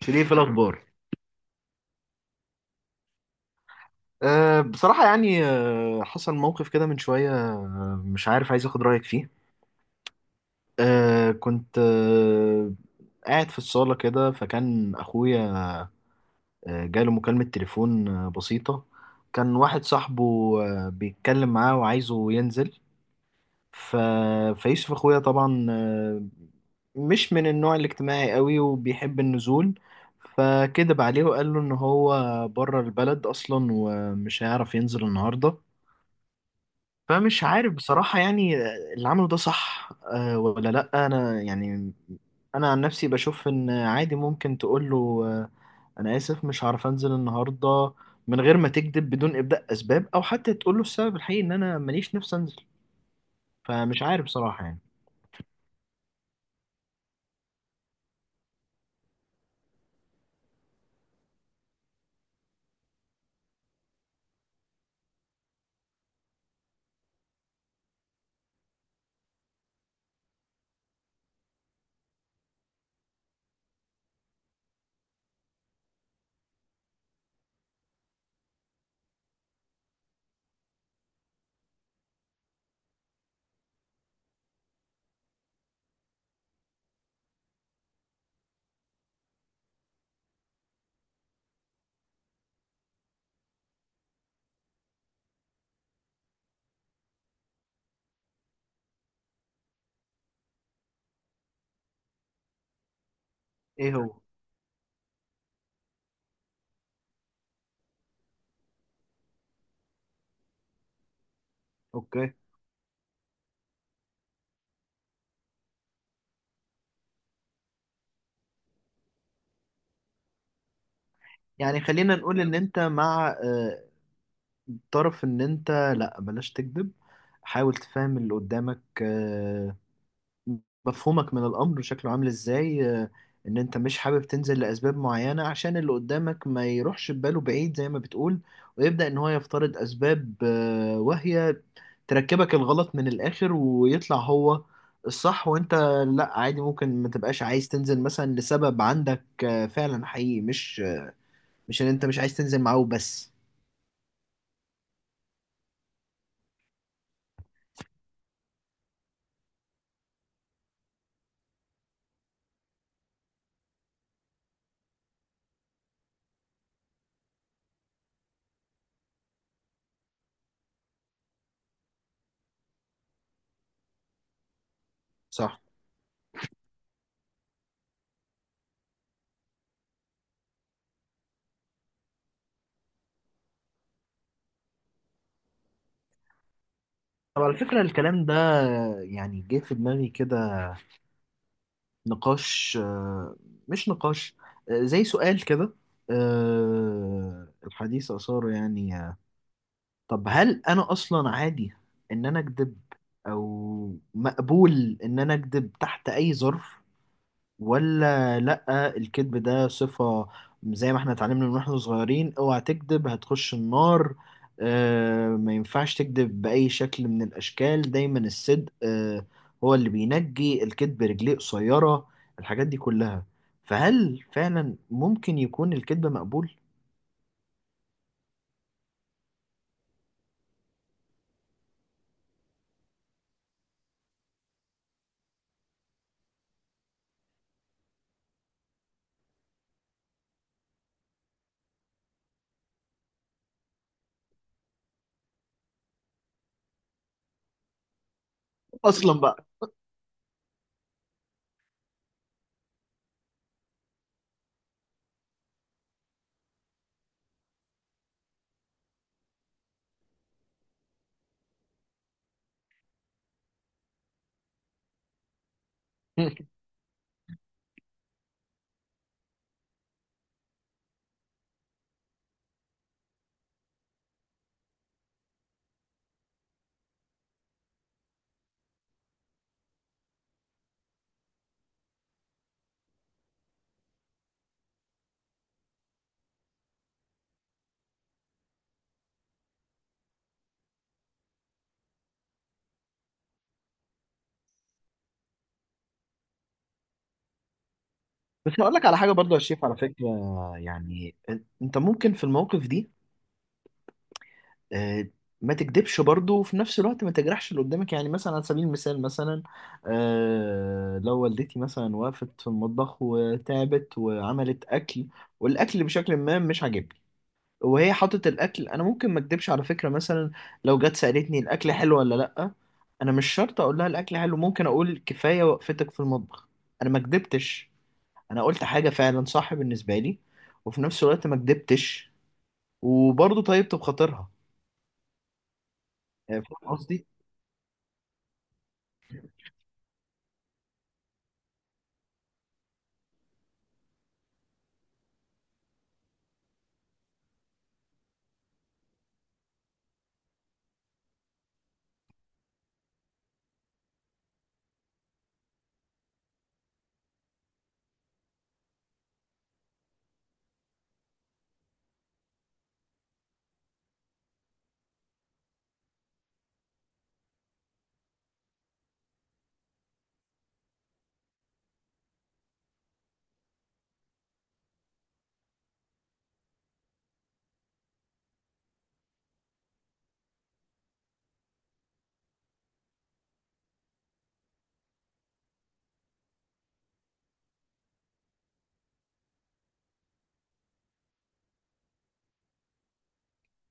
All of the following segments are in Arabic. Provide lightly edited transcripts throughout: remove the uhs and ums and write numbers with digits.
شريف، إيه الأخبار؟ بصراحة يعني حصل موقف كده من شوية، مش عارف، عايز أخد رأيك فيه. كنت قاعد في الصالة كده، فكان أخويا، جاله مكالمة تليفون، بسيطة. كان واحد صاحبه، بيتكلم معاه وعايزه ينزل. ف... فيوسف أخويا طبعا، مش من النوع الاجتماعي قوي وبيحب النزول، فكدب عليه وقال له ان هو بره البلد اصلا ومش هيعرف ينزل النهارده. فمش عارف بصراحة يعني اللي عمله ده صح، ولا لأ. أنا يعني أنا عن نفسي بشوف إن عادي، ممكن تقول له، أنا آسف مش هعرف أنزل النهاردة، من غير ما تكذب، بدون إبداء أسباب، أو حتى تقول له السبب الحقيقي إن أنا ماليش نفسي أنزل. فمش عارف بصراحة يعني. إيه هو؟ أوكي. يعني خلينا نقول إن أنت مع، طرف إن أنت لأ، بلاش تكذب، حاول تفهم اللي قدامك، مفهومك من الأمر شكله عامل إزاي، إن أنت مش حابب تنزل لأسباب معينة عشان اللي قدامك ما يروحش بباله بعيد زي ما بتقول، ويبدأ إن هو يفترض أسباب، واهية، تركبك الغلط من الآخر ويطلع هو الصح وأنت لأ. عادي ممكن ما تبقاش عايز تنزل مثلا لسبب عندك، فعلا حقيقي، مش إن أنت مش عايز تنزل معاه وبس. صح. طب على فكرة الكلام ده، يعني جه في دماغي كده نقاش، مش نقاش، زي سؤال كده، الحديث أثاره يعني، طب هل أنا أصلا عادي إن أنا أكذب، أو مقبول إن أنا أكذب تحت أي ظرف، ولا لأ؟ الكذب ده صفة زي ما احنا اتعلمنا من واحنا صغيرين، اوعى تكذب هتخش النار، اه ما ينفعش تكذب بأي شكل من الأشكال، دايما الصدق اه هو اللي بينجي، الكذب رجليه قصيرة، الحاجات دي كلها. فهل فعلا ممكن يكون الكذب مقبول؟ أصلا بقى. بس هقول لك على حاجة برضو يا شريف على فكرة. يعني انت ممكن في الموقف دي آه، ما تكدبش برضه وفي نفس الوقت ما تجرحش اللي قدامك. يعني مثلا على سبيل المثال مثلا، لو والدتي مثلا وقفت في المطبخ وتعبت وعملت أكل، والأكل بشكل ما مش عاجبني، وهي حاطت الأكل، أنا ممكن ما أكدبش على فكرة مثلا. لو جت سألتني الأكل حلو ولا لأ، أنا مش شرط أقول لها الأكل حلو، ممكن أقول كفاية وقفتك في المطبخ. أنا ما كدبتش، أنا قلت حاجة فعلا صح بالنسبة لي، وفي نفس الوقت ما كدبتش، وبرضه طيبت بخاطرها. فاهم قصدي؟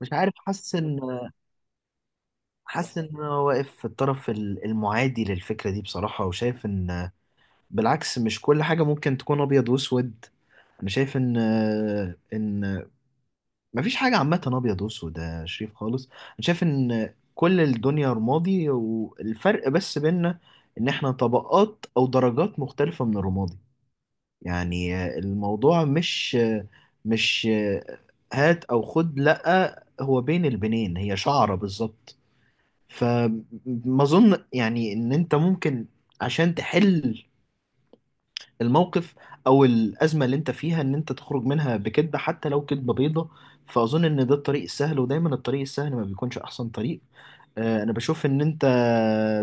مش عارف، حاسس ان انا واقف في الطرف المعادي للفكره دي بصراحه، وشايف ان بالعكس مش كل حاجه ممكن تكون ابيض واسود. انا شايف ان ان مفيش حاجه عامه ابيض واسود يا شريف خالص. انا شايف ان كل الدنيا رمادي والفرق بس بيننا ان احنا طبقات او درجات مختلفه من الرمادي. يعني الموضوع مش هات او خد، لا هو بين البنين هي شعره بالظبط. فما اظن يعني ان انت ممكن، عشان تحل الموقف او الازمه اللي انت فيها، ان انت تخرج منها بكذبه حتى لو كذبه بيضه. فاظن ان ده الطريق السهل، ودايما الطريق السهل ما بيكونش احسن طريق. انا بشوف ان انت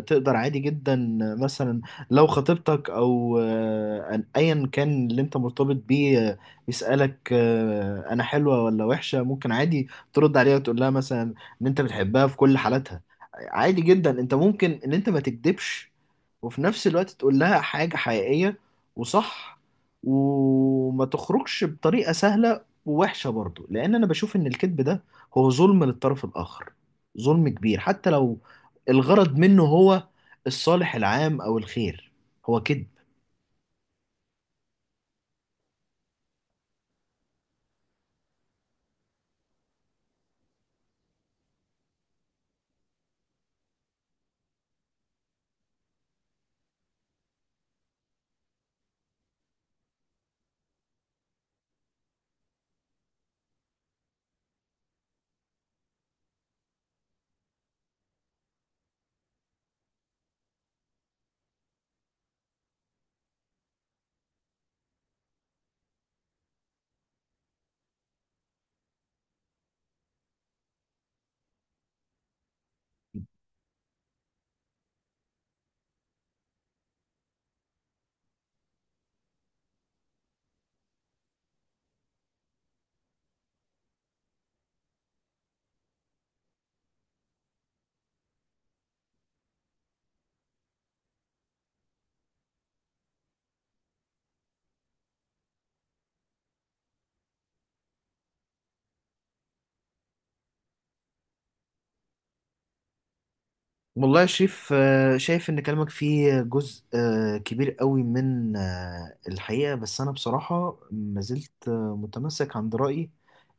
تقدر عادي جدا مثلا، لو خطيبتك او، ايا كان اللي انت مرتبط بيه، يسألك، انا حلوة ولا وحشة، ممكن عادي ترد عليها وتقول لها مثلا ان انت بتحبها في كل حالاتها. عادي جدا انت ممكن ان انت ما تكدبش، وفي نفس الوقت تقول لها حاجة حقيقية وصح، وما تخرجش بطريقة سهلة ووحشة، برضو لان انا بشوف ان الكذب ده هو ظلم للطرف الاخر. ظلم كبير، حتى لو الغرض منه هو الصالح العام أو الخير، هو كذب. والله يا شريف، شايف إن كلامك فيه جزء، كبير قوي من، الحقيقة، بس أنا بصراحة ما زلت، متمسك عند رأيي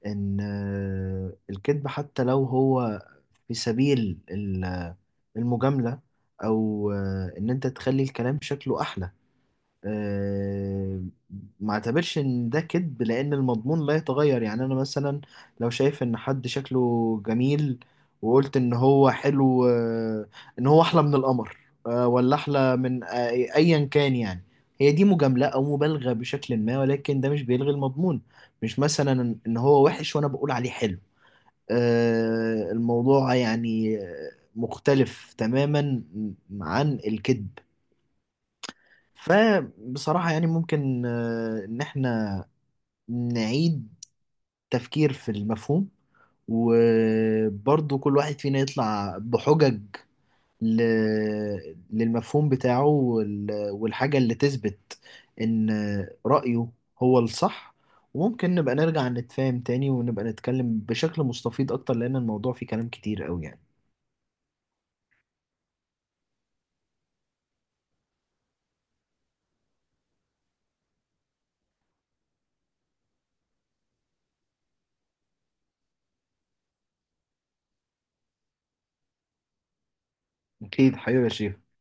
إن، الكذب حتى لو هو في سبيل المجاملة أو، إن أنت تخلي الكلام شكله أحلى، آه، ما اعتبرش ان ده كذب لان المضمون لا يتغير. يعني انا مثلا لو شايف ان حد شكله جميل، وقلت ان هو حلو، ان هو احلى من القمر، ولا احلى من ايا كان يعني، هي دي مجاملة او مبالغة بشكل ما، ولكن ده مش بيلغي المضمون. مش مثلا ان هو وحش وانا بقول عليه حلو. الموضوع يعني، مختلف تماما عن الكذب. فبصراحة يعني ممكن، إن إحنا نعيد تفكير في المفهوم، وبرضه كل واحد فينا يطلع بحجج ل... للمفهوم بتاعه والحاجة اللي تثبت إن رأيه هو الصح، وممكن نبقى نرجع نتفاهم تاني ونبقى نتكلم بشكل مستفيض أكتر، لأن الموضوع فيه كلام كتير أوي يعني. أكيد حبيبي يا شريف.